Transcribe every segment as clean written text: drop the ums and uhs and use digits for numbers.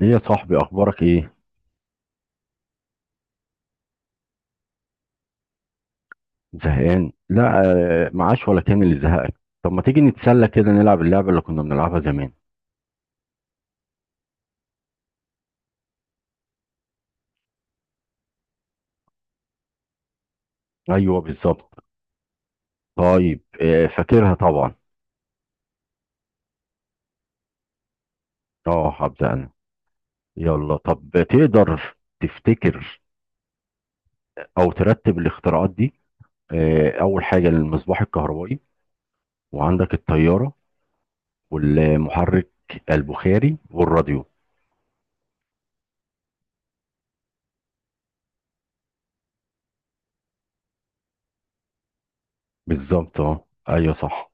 ليه يا صاحبي اخبارك ايه؟ زهقان؟ لا. معاش ولا كان اللي زهقك؟ طب ما تيجي نتسلى كده نلعب اللعبه اللي كنا بنلعبها زمان؟ ايوه بالظبط. طيب فاكرها طبعا. اه هبدا انا. يلا طب تقدر تفتكر او ترتب الاختراعات دي؟ اول حاجه المصباح الكهربائي، وعندك الطياره، والمحرك البخاري، والراديو. بالظبط اه، ايوه صح.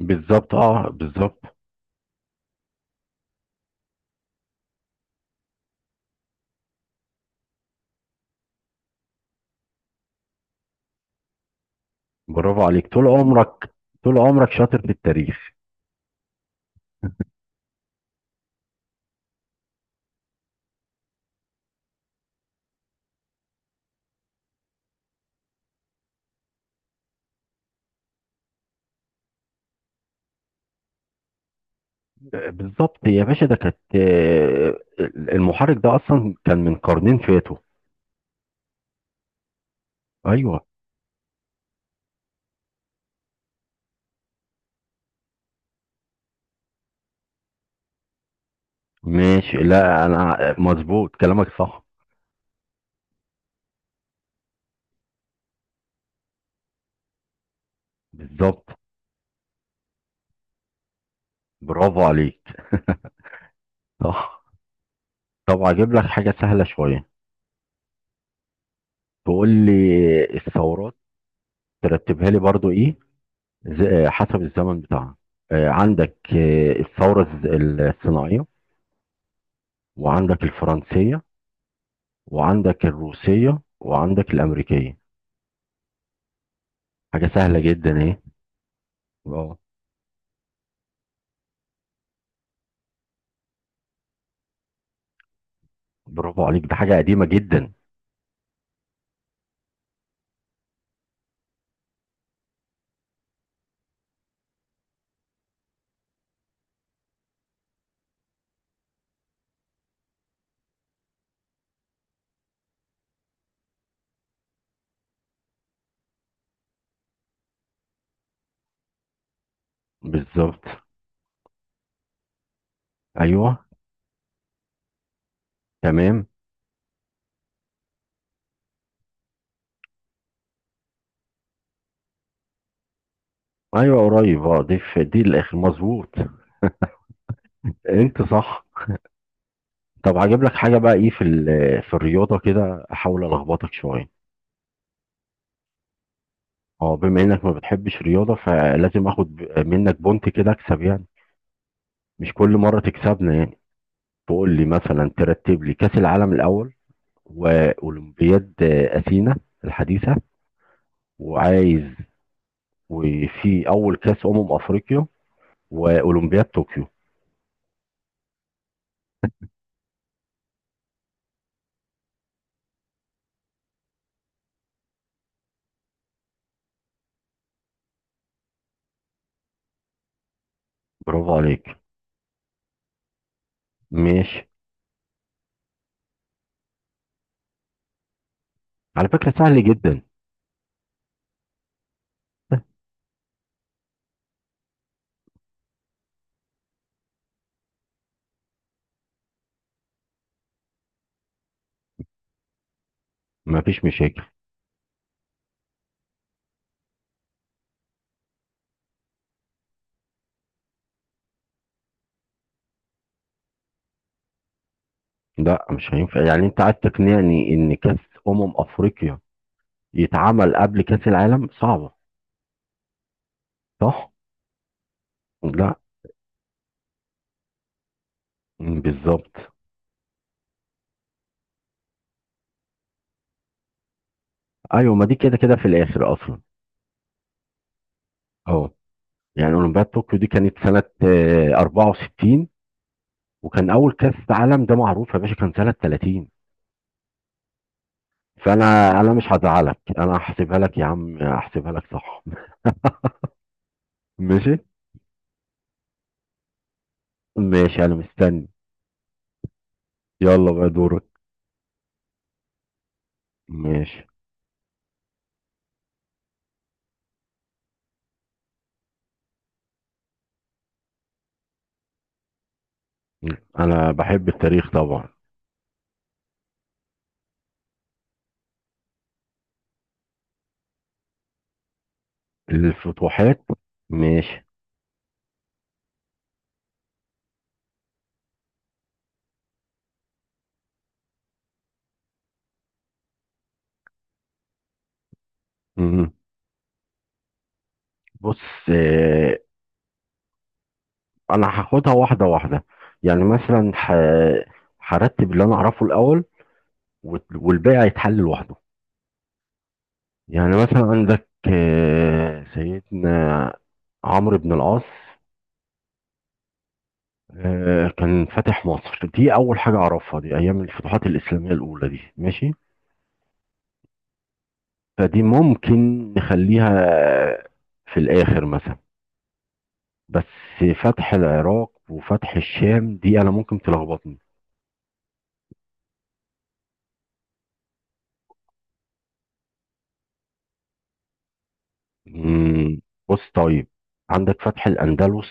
بالظبط اه بالظبط. برافو عليك، طول عمرك، طول عمرك شاطر في التاريخ. بالظبط يا باشا، ده كانت المحرك ده اصلا كان من قرنين فاتوا. ايوه. ماشي، لا انا مظبوط، كلامك صح. بالظبط، برافو عليك. صح. طب اجيب لك حاجه سهله شويه، تقول لي الثورات ترتبها لي برضو؟ ايه حسب الزمن بتاعها. عندك الثوره الصناعيه، وعندك الفرنسيه، وعندك الروسيه، وعندك الامريكيه. حاجه سهله جدا. ايه. برافو عليك، ده حاجة قديمة جدا. بالظبط ايوه تمام. ايوه قريب اه، دي في دي الاخر مظبوط. انت صح. طب هجيب لك حاجة بقى ايه في في الرياضة كده، احاول الخبطك شوية. اه بما انك ما بتحبش رياضة فلازم اخد منك بونت كده اكسب يعني، مش كل مرة تكسبنا يعني. تقول لي مثلا، ترتب لي كأس العالم الاول، واولمبياد اثينا الحديثة، وعايز، وفي اول كأس افريقيا، واولمبياد طوكيو. برافو عليك. ماشي. على فكرة سهل جدا. مفيش مشاكل. لا مش هينفع، يعني انت عايز تقنعني ان كاس افريقيا يتعمل قبل كاس العالم؟ صعبة. صح. لا. بالظبط. ايوه ما دي كده كده في الاخر اصلا. اه يعني اولمبياد طوكيو دي كانت سنة 64، وكان اول كاس عالم ده معروف يا باشا كان سنة 30. فانا انا مش هزعلك، انا هحسبها لك يا عم، هحسبها لك صح. ماشي. ماشي انا مستني. يلا بقى دورك. ماشي. مم. انا بحب التاريخ طبعا. الفتوحات. ماشي. مم. بص، آه، انا هاخدها واحده واحده، يعني مثلا هرتب اللي انا اعرفه الاول، والباقي هيتحل لوحده. يعني مثلا عندك سيدنا عمرو بن العاص، كان فاتح مصر، دي اول حاجه اعرفها، دي ايام الفتوحات الاسلاميه الاولى دي، ماشي. فدي ممكن نخليها في الاخر مثلا، بس فتح العراق وفتح الشام دي انا ممكن تلخبطني. مم، بص طيب، عندك فتح الاندلس،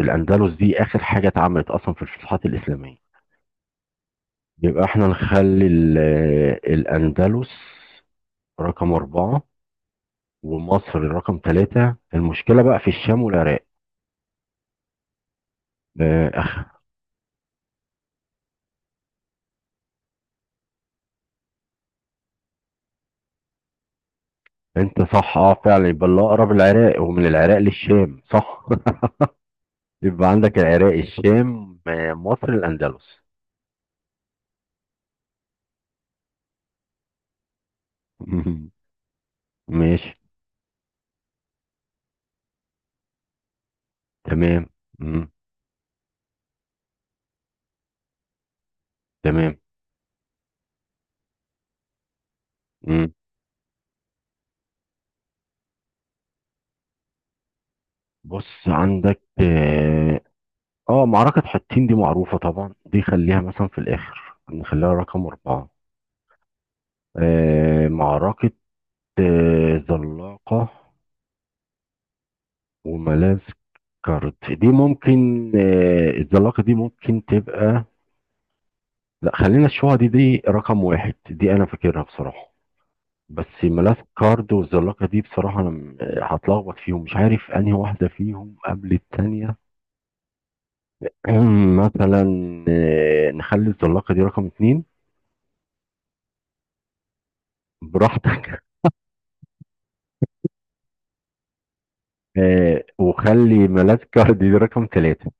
الاندلس دي اخر حاجه اتعملت اصلا في الفتوحات الاسلاميه، يبقى احنا نخلي الاندلس رقم اربعه، ومصر رقم ثلاثه، المشكله بقى في الشام والعراق. أخ. انت صح اه فعلا، يبقى اللي اقرب العراق، ومن العراق للشام، صح. يبقى عندك العراق، الشام، مصر، الاندلس. ماشي. تمام. مم. تمام. مم. بص عندك اه، معركة حطين دي معروفة طبعا، دي خليها مثلا في الآخر نخليها رقم أربعة. آه معركة زلاقة وملاذ كارد دي ممكن، الزلاقة دي ممكن تبقى، لا خلينا الشوعة دي دي رقم واحد، دي أنا فاكرها بصراحة، بس ملاذ كارد والزلاقة دي بصراحة أنا هتلخبط فيهم، مش عارف أنهي واحدة فيهم قبل التانية. مثلا نخلي الزلاقة دي رقم اتنين، براحتك. وخلي ملاذ كارد دي رقم تلاتة.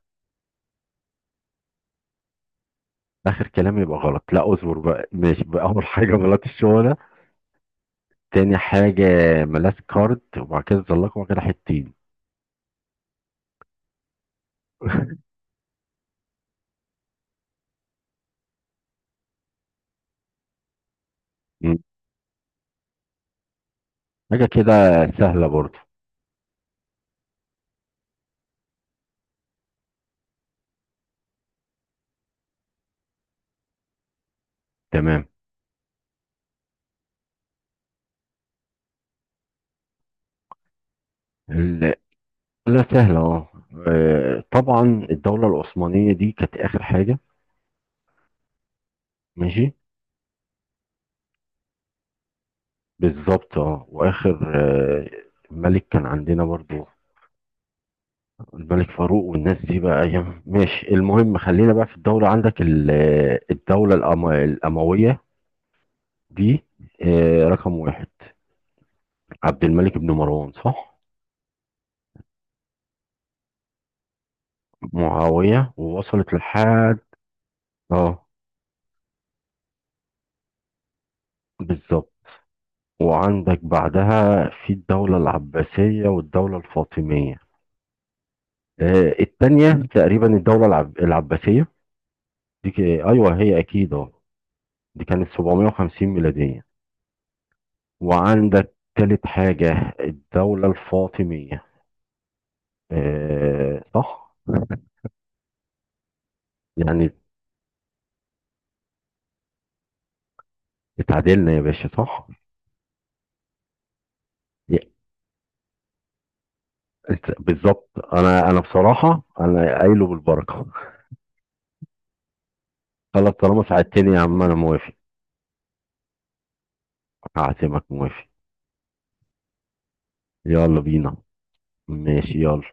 آخر كلام؟ يبقى غلط، لا اصبر بقى، ماشي بقى، أول حاجة ملاذ الشغلة، تاني حاجة ملاذ كارد، وبعد كده الزلاقة، وبعد كده حتتين. مم. حاجة كده سهلة برضه. تمام. ال- لا سهلة اه، طبعا الدولة العثمانية دي كانت آخر حاجة. ماشي. بالظبط اه، وآخر آه، ملك كان عندنا برضو الملك فاروق والناس دي بقى أيام، ماشي المهم خلينا بقى في الدولة، عندك الدولة الأموية دي رقم واحد، عبد الملك بن مروان صح. معاوية ووصلت لحد اه. بالظبط. وعندك بعدها في الدولة العباسية والدولة الفاطمية، التانية مم تقريبا العباسية، دي أيوه هي أكيد اه، دي كانت 750 ميلادية. وعندك تالت حاجة الدولة الفاطمية، آه صح. يعني اتعادلنا يا باشا صح؟ ي- بالظبط انا انا بصراحة انا قايله بالبركة. خلاص طالما ساعدتني يا عم انا موافق. هعزمك موافق. يلا بينا. ماشي يلا.